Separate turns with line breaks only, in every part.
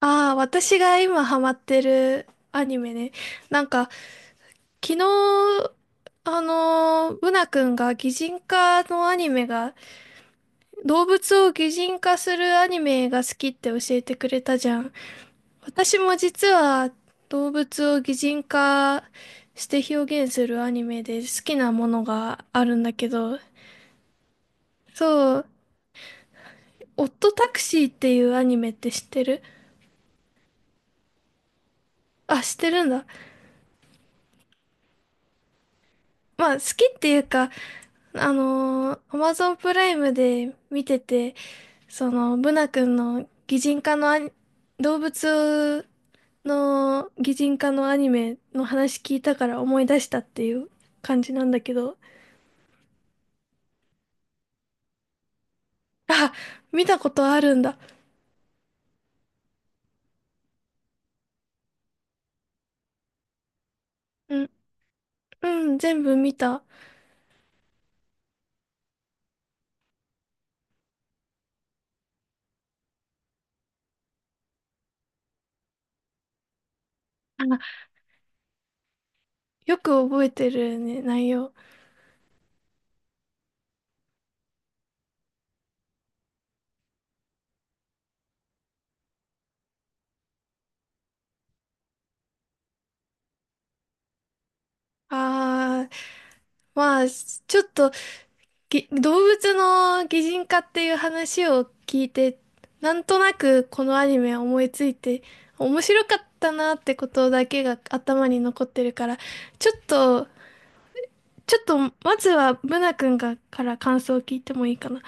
ああ、私が今ハマってるアニメね。なんか、昨日、ブナ君が擬人化のアニメが、動物を擬人化するアニメが好きって教えてくれたじゃん。私も実は動物を擬人化して表現するアニメで好きなものがあるんだけど、そう、オットタクシーっていうアニメって知ってる？あ、知ってるんだ。まあ、好きっていうか、アマゾンプライムで見てて、その、ブナ君の擬人化のアニ、動物の擬人化のアニメの話聞いたから思い出したっていう感じなんだけど、見たことあるんだ。うん、うん、全部見た。あ、よく覚えてるね、内容。あー、まあ、ちょっと動物の擬人化っていう話を聞いて、なんとなくこのアニメ思いついて、面白かったなってことだけが頭に残ってるから、ちょっと、ちょっと、まずはブナ君が、から感想を聞いてもいいかな。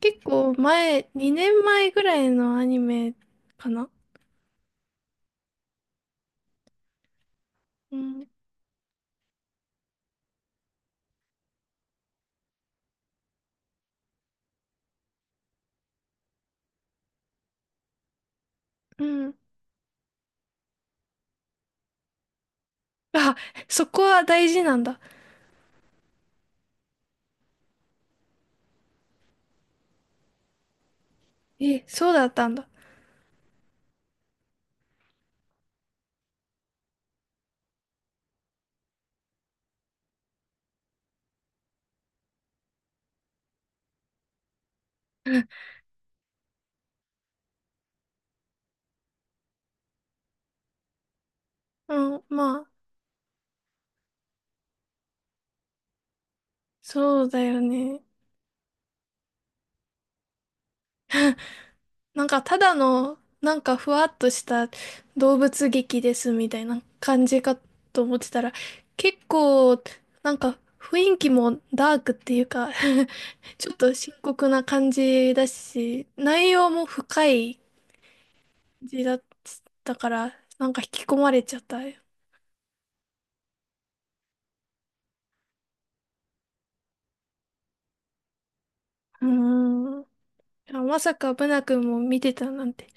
結構前、2年前ぐらいのアニメかな？うん、うん。あ、そこは大事なんだ。え、そうだったんだ。うん、まあ、そうだよね。なんかただの、なんかふわっとした動物劇ですみたいな感じかと思ってたら、結構、なんか雰囲気もダークっていうか ちょっと深刻な感じだし、内容も深い感じだったから、なんか引き込まれちゃったよ。うーん。いやまさかブナ君も見てたなんて。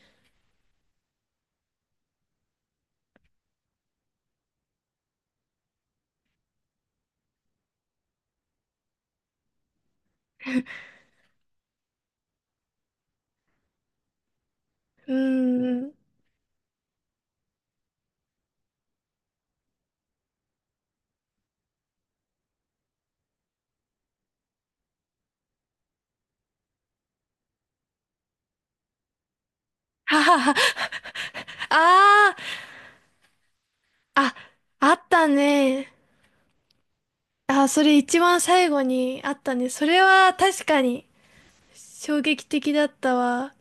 うーん。ははは。ああ、あ、あったね。あ、それ一番最後にあったね。それは確かに衝撃的だったわ。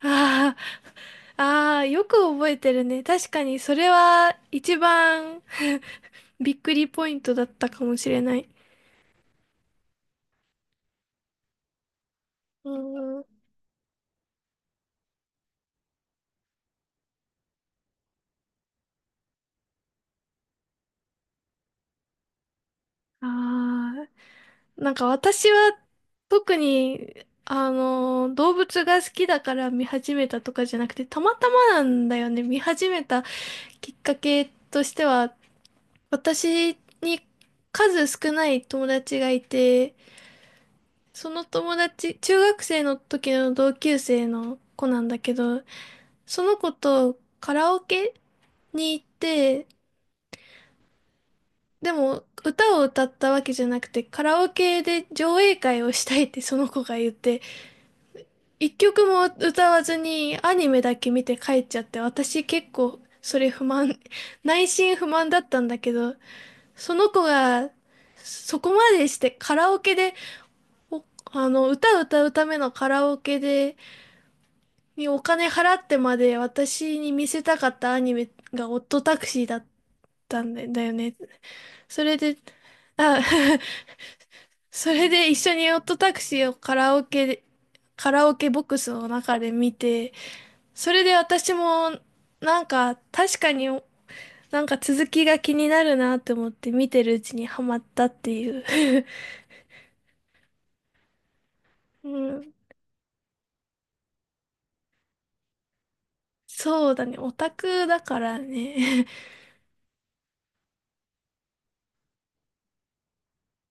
ああ、ああ、よく覚えてるね。確かにそれは一番びっくりポイントだったかもしれない。うん。ああ、なんか私は特に、あの、動物が好きだから見始めたとかじゃなくて、たまたまなんだよね。見始めたきっかけとしては、私に数少ない友達がいて、その友達、中学生の時の同級生の子なんだけど、その子とカラオケに行って、でも歌を歌ったわけじゃなくて、カラオケで上映会をしたいって その子が言って、一曲も歌わずにアニメだけ見て帰っちゃって、私結構それ不満、内心不満だったんだけど、その子がそこまでしてカラオケで、おあの、歌を歌うためのカラオケで、にお金払ってまで私に見せたかったアニメがオットタクシーだったんだよね。それで、あ、それで一緒にオットタクシーをカラオケで、カラオケボックスの中で見て、それで私もなんか確かになんか続きが気になるなって思って見てるうちにハマったっていう。うん、そうだね、オタクだからね。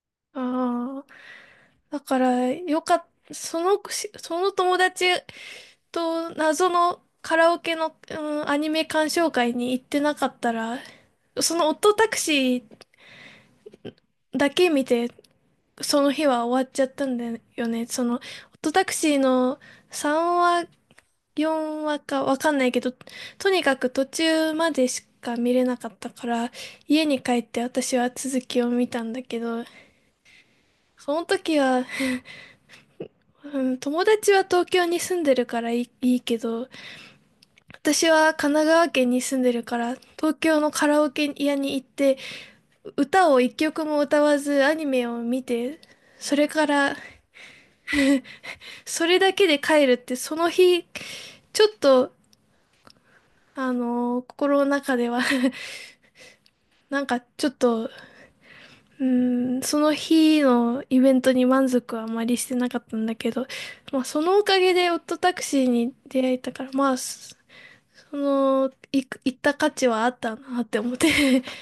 ああ。だから、よかった、その友達と謎のカラオケの、うん、アニメ鑑賞会に行ってなかったら、そのオットタクシーだけ見て、その日は終わっちゃったんだよね。その、オットタクシーの3話、4話かわかんないけど、とにかく途中までしか見れなかったから、家に帰って私は続きを見たんだけど、その時はうん友達は東京に住んでるからいいけど、私は神奈川県に住んでるから、東京のカラオケ屋に行って、歌を一曲も歌わずアニメを見て、それから、それだけで帰るって、その日、ちょっと、あのー心の中では なんかちょっと、うん、その日のイベントに満足はあまりしてなかったんだけど、まあそのおかげでオットタクシーに出会えたから、まあ、行った価値はあったなって思って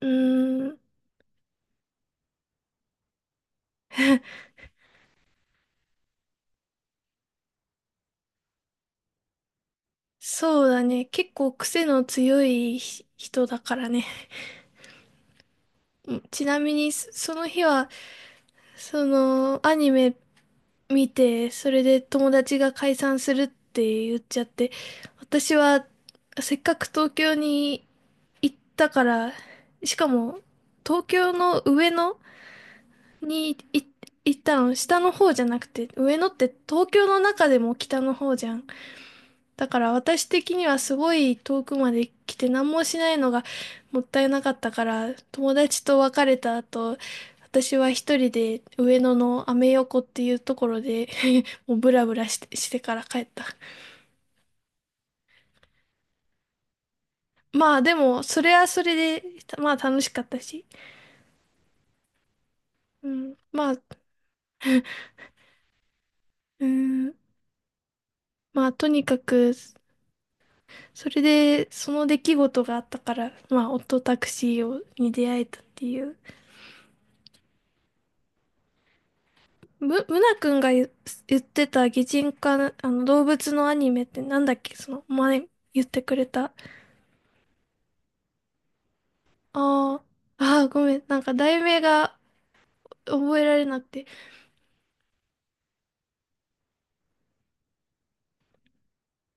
うーん、そうだね。結構癖の強い人だからね。うんちなみに、その日は、その、アニメ見て、それで友達が解散するって言っちゃって、私は、せっかく東京に行ったから、しかも、東京の上野に行ったの、下の方じゃなくて、上野って東京の中でも北の方じゃん。だから私的にはすごい遠くまで来て何もしないのがもったいなかったから、友達と別れた後、私は一人で上野のアメ横っていうところで もうブラブラしてから帰った。まあでも、それはそれで、まあ楽しかったし。うん、まあ、うん、まあとにかく、それで、その出来事があったから、まあ、オットタクシーをに出会えたっていう。なくんが言ってた擬人化な、あの、動物のアニメってなんだっけ？その、前言ってくれた。ああ、ああ、ごめん。なんか題名が覚えられなくて。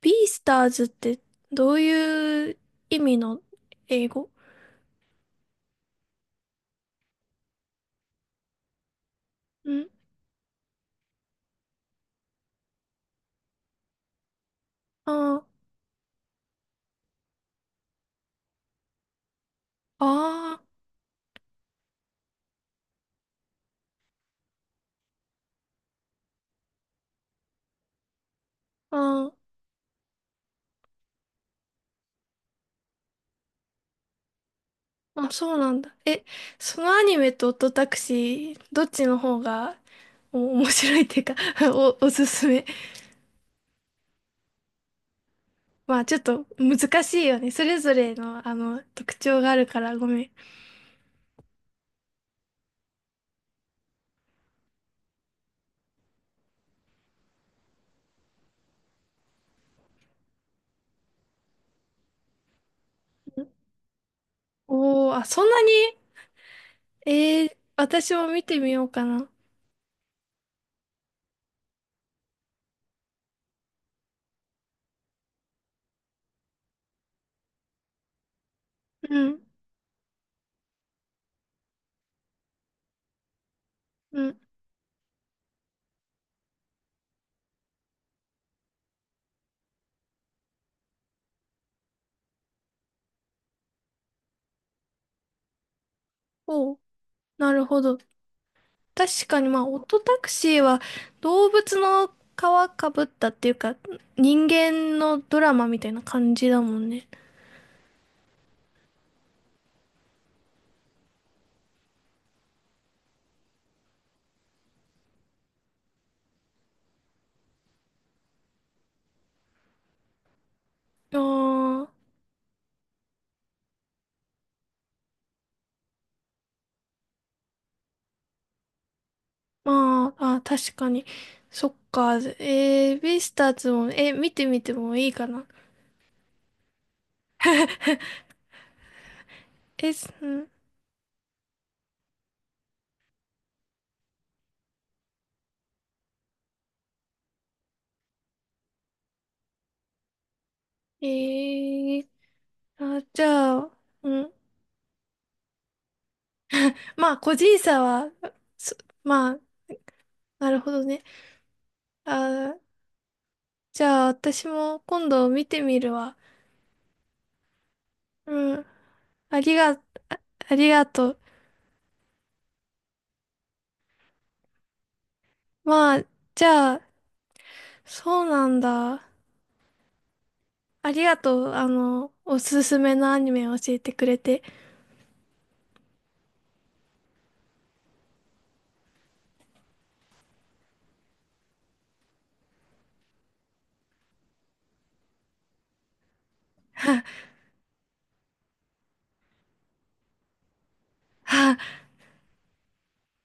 ビースターズってどういう意味の英語？んああ、あーあー、あ、そうなんだ。え、そのアニメとオットタクシー、どっちの方が面白いっていうか おすすめ？まあちょっと難しいよね。それぞれのあの特徴があるからごめん。おー、あ、そんなに？えー、私も見てみようかな。うん、うん。おう、なるほど。確かにまあオットタクシーは動物の皮かぶったっていうか人間のドラマみたいな感じだもんね。あーまあ、あ、確かに。そっか。えー、ベイスターズも、え、見てみてもいいかな。え、すうん。えー、あ、じゃあ、うん。まあ、個人差は、そまあ、なるほどね。あ、じゃあ、私も今度見てみるわ。うん。ありが、ありがとう。まあ、じゃあ、そうなんだ。ありがとう。あの、おすすめのアニメを教えてくれて。はい。